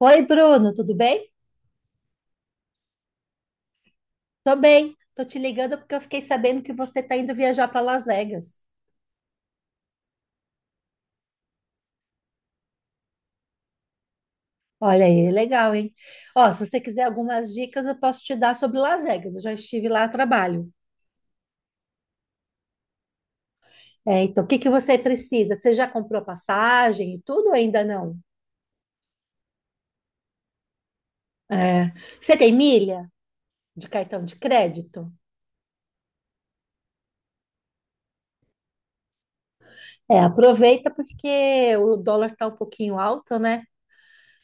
Oi, Bruno, tudo bem? Tô bem. Tô te ligando porque eu fiquei sabendo que você tá indo viajar para Las Vegas. Olha aí, legal, hein? Ó, se você quiser algumas dicas, eu posso te dar sobre Las Vegas. Eu já estive lá a trabalho. É, então, o que que você precisa? Você já comprou a passagem e tudo ou ainda não? É. Você tem milha de cartão de crédito? É, aproveita porque o dólar tá um pouquinho alto, né?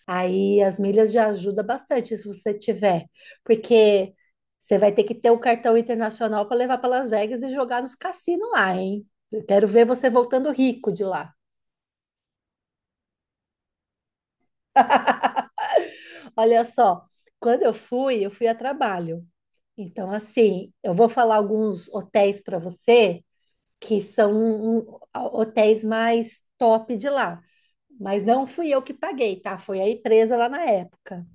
Aí as milhas já ajuda bastante se você tiver, porque você vai ter que ter o cartão internacional para levar para Las Vegas e jogar nos cassinos lá, hein? Eu quero ver você voltando rico de lá. Olha só, quando eu fui a trabalho. Então, assim, eu vou falar alguns hotéis para você que são hotéis mais top de lá. Mas não fui eu que paguei, tá? Foi a empresa lá na época.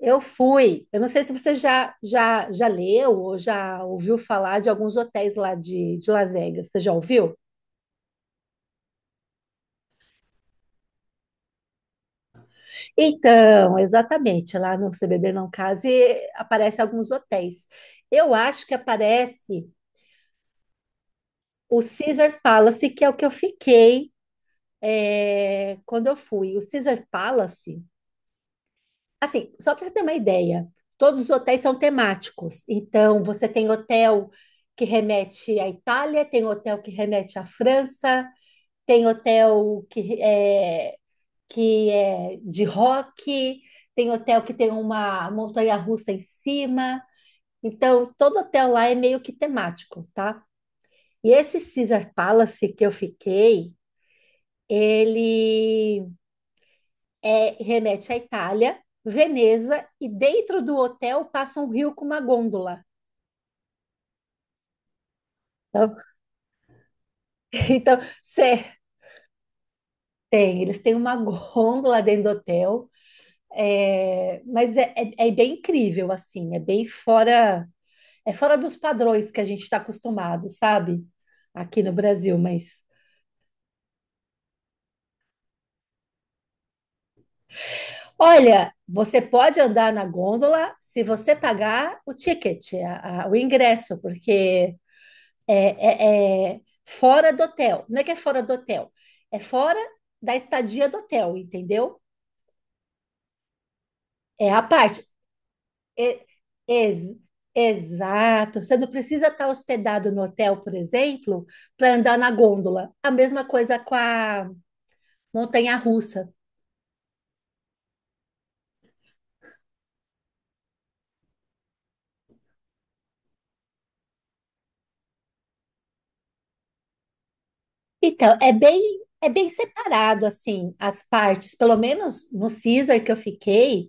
Eu fui. Eu não sei se você já leu ou já ouviu falar de alguns hotéis lá de Las Vegas. Você já ouviu? Então, exatamente. Lá no Se Beber Não Case aparecem alguns hotéis. Eu acho que aparece o Caesar Palace, que é o que eu fiquei quando eu fui. O Caesar Palace. Assim, só para você ter uma ideia, todos os hotéis são temáticos. Então, você tem hotel que remete à Itália, tem hotel que remete à França. Tem hotel que é de rock, tem hotel que tem uma montanha-russa em cima. Então, todo hotel lá é meio que temático, tá? E esse Caesar Palace que eu fiquei, ele remete à Itália, Veneza, e dentro do hotel passa um rio com uma gôndola. Então, então cê- tem, eles têm uma gôndola dentro do hotel. É, mas é bem incrível, assim, é bem fora, é fora dos padrões que a gente está acostumado, sabe? Aqui no Brasil, mas olha, você pode andar na gôndola se você pagar o ticket, o ingresso, porque é, é fora do hotel. Não é que é fora do hotel, é fora da estadia do hotel, entendeu? É a parte. E- ex- exato. Você não precisa estar hospedado no hotel, por exemplo, para andar na gôndola. A mesma coisa com a montanha-russa. Então, é bem separado, assim, as partes. Pelo menos no Caesar que eu fiquei,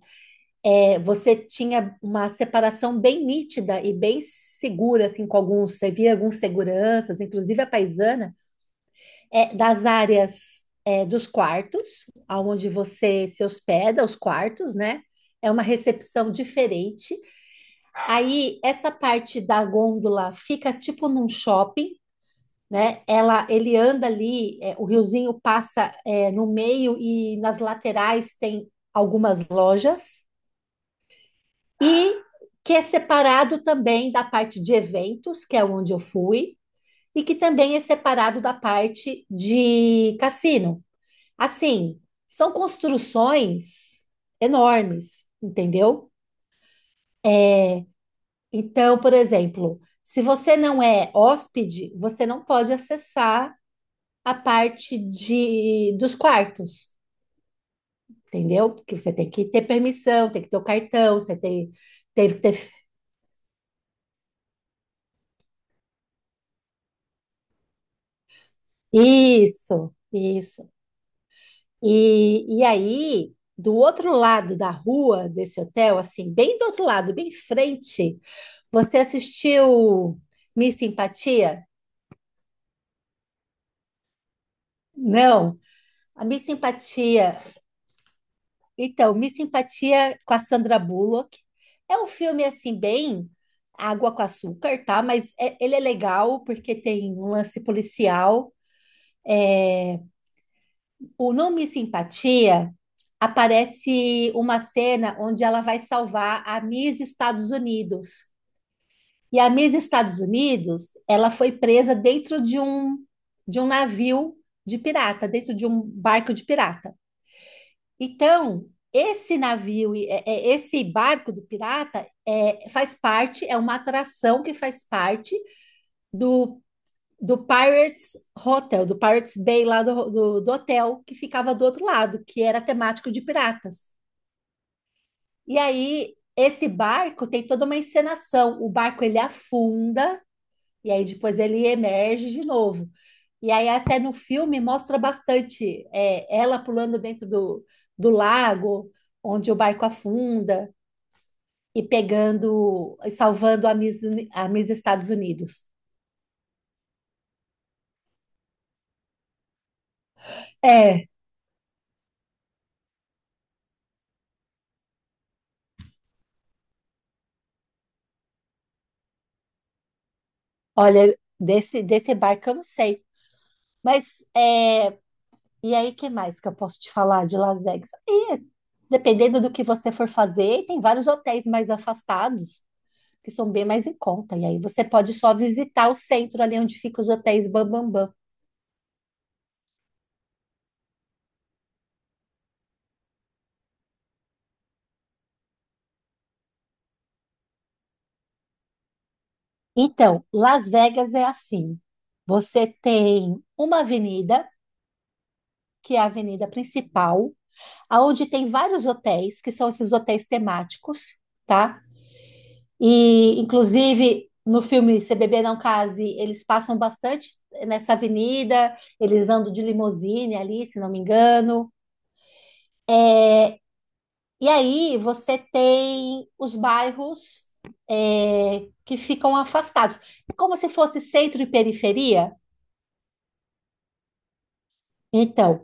é, você tinha uma separação bem nítida e bem segura, assim, com alguns. Você via alguns seguranças, inclusive a paisana, é, das áreas, é, dos quartos, aonde você se hospeda, os quartos, né? É uma recepção diferente. Aí essa parte da gôndola fica tipo num shopping, né? Ele anda ali, é, o riozinho passa, é, no meio e nas laterais tem algumas lojas e que é separado também da parte de eventos, que é onde eu fui, e que também é separado da parte de cassino. Assim, são construções enormes, entendeu? Então, por exemplo, se você não é hóspede, você não pode acessar a parte de dos quartos, entendeu? Porque você tem que ter permissão, tem que ter o cartão, você tem, teve que ter. Isso, isso. E aí, do outro lado da rua desse hotel, assim, bem do outro lado, bem em frente, você assistiu Miss Simpatia? Não, a Miss Simpatia. Então, Miss Simpatia com a Sandra Bullock. É um filme assim bem água com açúcar, tá? Mas ele é legal porque tem um lance policial. O No Miss Simpatia aparece uma cena onde ela vai salvar a Miss Estados Unidos. E a Miss Estados Unidos, ela foi presa dentro de um navio de pirata, dentro de um barco de pirata. Então, esse navio, esse barco do pirata, é, faz parte, é uma atração que faz parte do, do Pirates Hotel, do Pirates Bay lá do hotel que ficava do outro lado, que era temático de piratas. E aí, esse barco tem toda uma encenação. O barco ele afunda e aí depois ele emerge de novo. E aí até no filme mostra bastante, é, ela pulando dentro do, do lago, onde o barco afunda, e pegando, e salvando a a Miss Estados Unidos. É, olha, desse barco eu não sei. Mas, é, e aí, que mais que eu posso te falar de Las Vegas? E, dependendo do que você for fazer, tem vários hotéis mais afastados, que são bem mais em conta. E aí você pode só visitar o centro ali onde ficam os hotéis Bambambam. Bam, bam. Então, Las Vegas é assim. Você tem uma avenida, que é a avenida principal, aonde tem vários hotéis, que são esses hotéis temáticos, tá? E, inclusive, no filme Se Beber Não Case, eles passam bastante nessa avenida, eles andam de limusine ali, se não me engano. E aí você tem os bairros, é, que ficam afastados. É como se fosse centro e periferia. Então,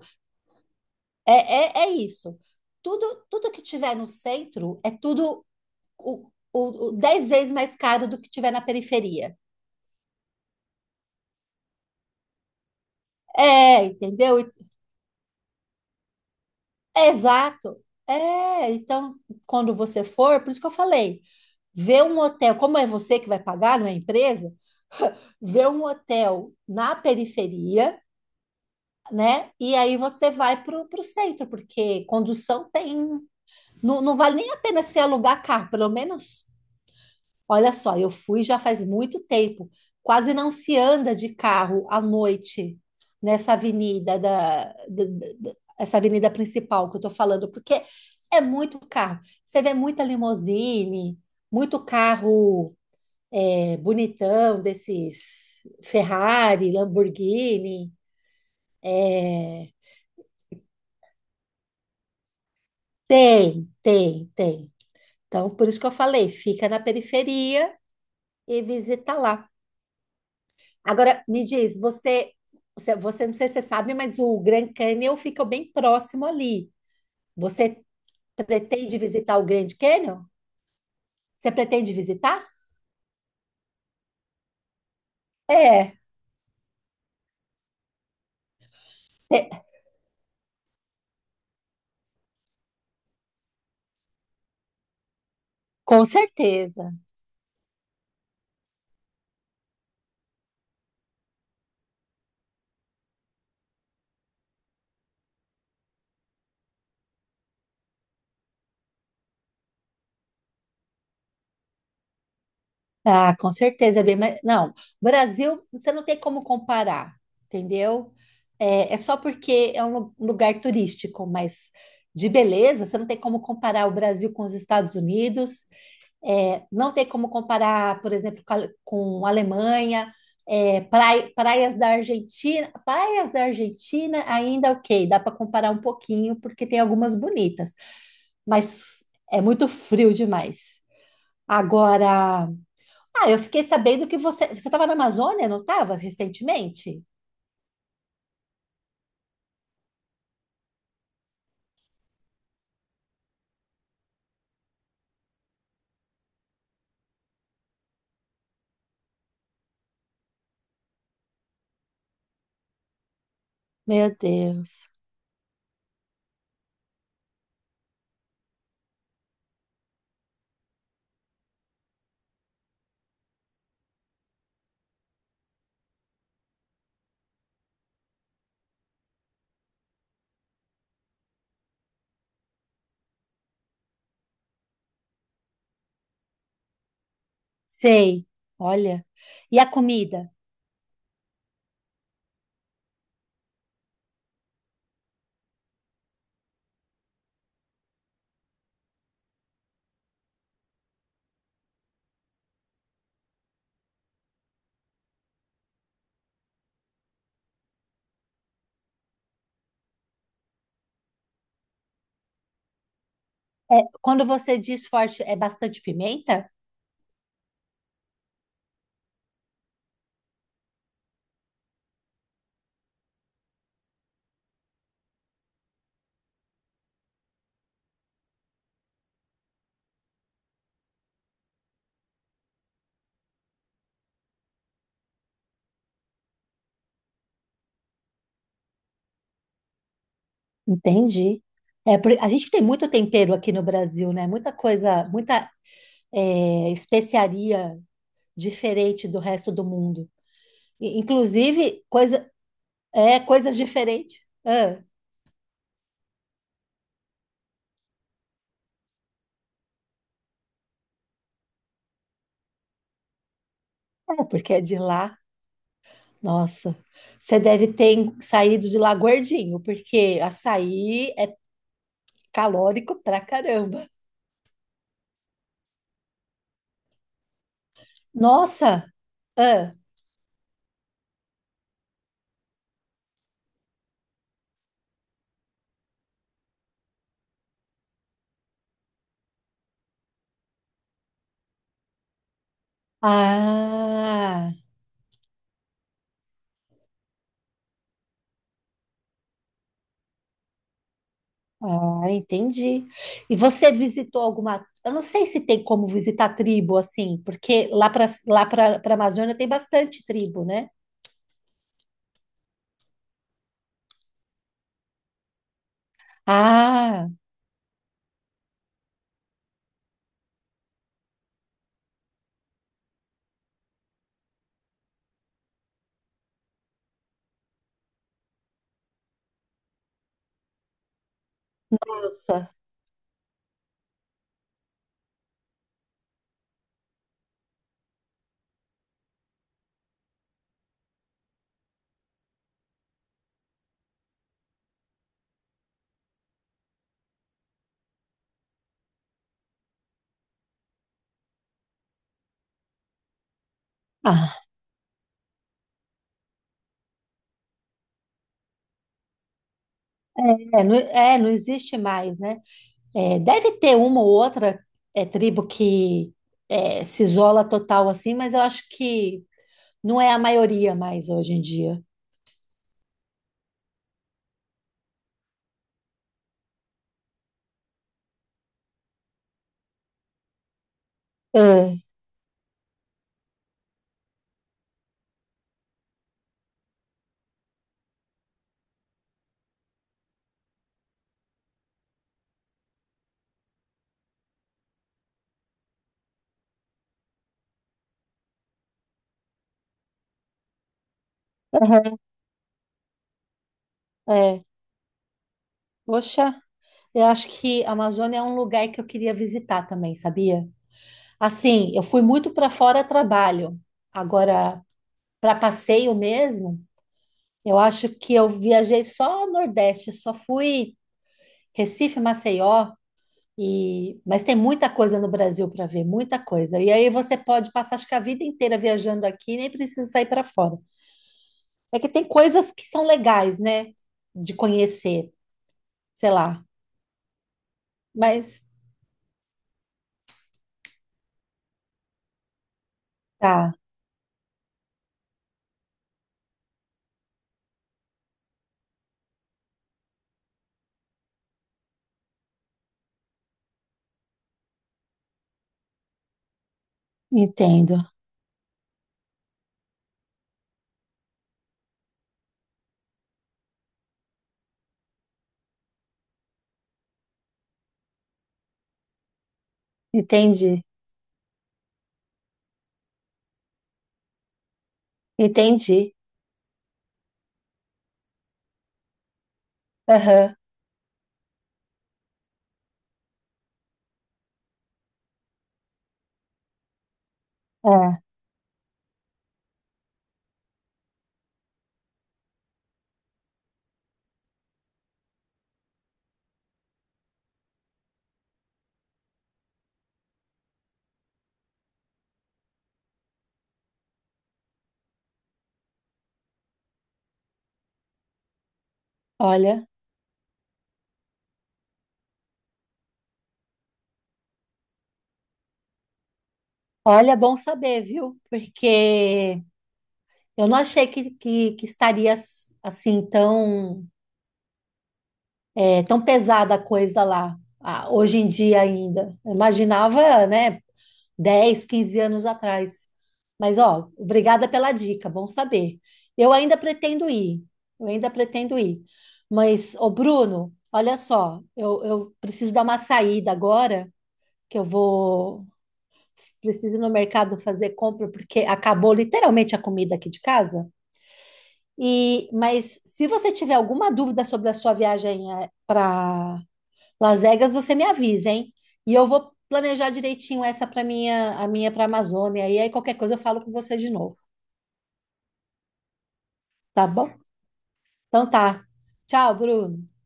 é, é isso. Tudo que tiver no centro é tudo o 10 vezes mais caro do que tiver na periferia. É, entendeu? É, exato. É, então, quando você for, por isso que eu falei, vê um hotel, como é você que vai pagar, não é a empresa, vê um hotel na periferia, né? E aí você vai para o centro, porque condução tem. Não, não vale nem a pena se alugar carro, pelo menos. Olha só, eu fui já faz muito tempo. Quase não se anda de carro à noite nessa avenida essa avenida principal que eu estou falando, porque é muito carro. Você vê muita limusine, muito carro, é, bonitão desses Ferrari, Lamborghini. Tem, tem, tem. Então, por isso que eu falei, fica na periferia e visita lá. Agora, me diz, você- não sei se você sabe, mas o Grand Canyon fica bem próximo ali. Você pretende visitar o Grand Canyon? Você pretende visitar? É, te- com certeza. Ah, com certeza, não, Brasil, você não tem como comparar, entendeu? É, é só porque é um lugar turístico, mas de beleza, você não tem como comparar o Brasil com os Estados Unidos. É, não tem como comparar, por exemplo, com a Alemanha, é, praias da Argentina. Praias da Argentina ainda ok, dá para comparar um pouquinho, porque tem algumas bonitas, mas é muito frio demais. Agora, ah, eu fiquei sabendo que você estava na Amazônia, não estava, recentemente? Meu Deus, sei, olha. E a comida? É, quando você diz forte, é bastante pimenta? Entendi. É, a gente tem muito tempero aqui no Brasil, né? Muita coisa, muita, é, especiaria diferente do resto do mundo. E, inclusive, coisa, é, coisas diferentes. Ah, é, porque é de lá. Nossa, você deve ter saído de lá gordinho, porque açaí é calórico pra caramba. Nossa! Ah, ah. Ah, entendi. E você visitou alguma? Eu não sei se tem como visitar tribo assim, porque lá para Amazônia tem bastante tribo, né? Ah, nossa. Ah, é, não existe mais, né? É, deve ter uma ou outra, é, tribo que, é, se isola total assim, mas eu acho que não é a maioria mais hoje em dia. É, é. Poxa, eu acho que a Amazônia é um lugar que eu queria visitar também, sabia? Assim, eu fui muito para fora a trabalho. Agora, para passeio mesmo, eu acho que eu viajei só Nordeste, só fui Recife, Maceió, e... mas tem muita coisa no Brasil para ver, muita coisa. E aí você pode passar, acho que a vida inteira viajando aqui, nem precisa sair para fora. É que tem coisas que são legais, né? De conhecer, sei lá. Mas tá, entendo. Entendi. Entendi. Aham. É. Olha. Olha, é bom saber, viu? Porque eu não achei que estaria assim tão, é, tão pesada a coisa lá, ah, hoje em dia ainda. Eu imaginava, né, 10, 15 anos atrás. Mas, ó, obrigada pela dica, bom saber. Eu ainda pretendo ir, eu ainda pretendo ir. Mas, ô Bruno, olha só, eu preciso dar uma saída agora, que eu vou, preciso ir no mercado fazer compra porque acabou literalmente a comida aqui de casa. E, mas se você tiver alguma dúvida sobre a sua viagem para Las Vegas, você me avisa, hein? E eu vou planejar direitinho essa para a minha para Amazônia. E aí qualquer coisa eu falo com você de novo, tá bom? Então tá. Tchau, Bruno.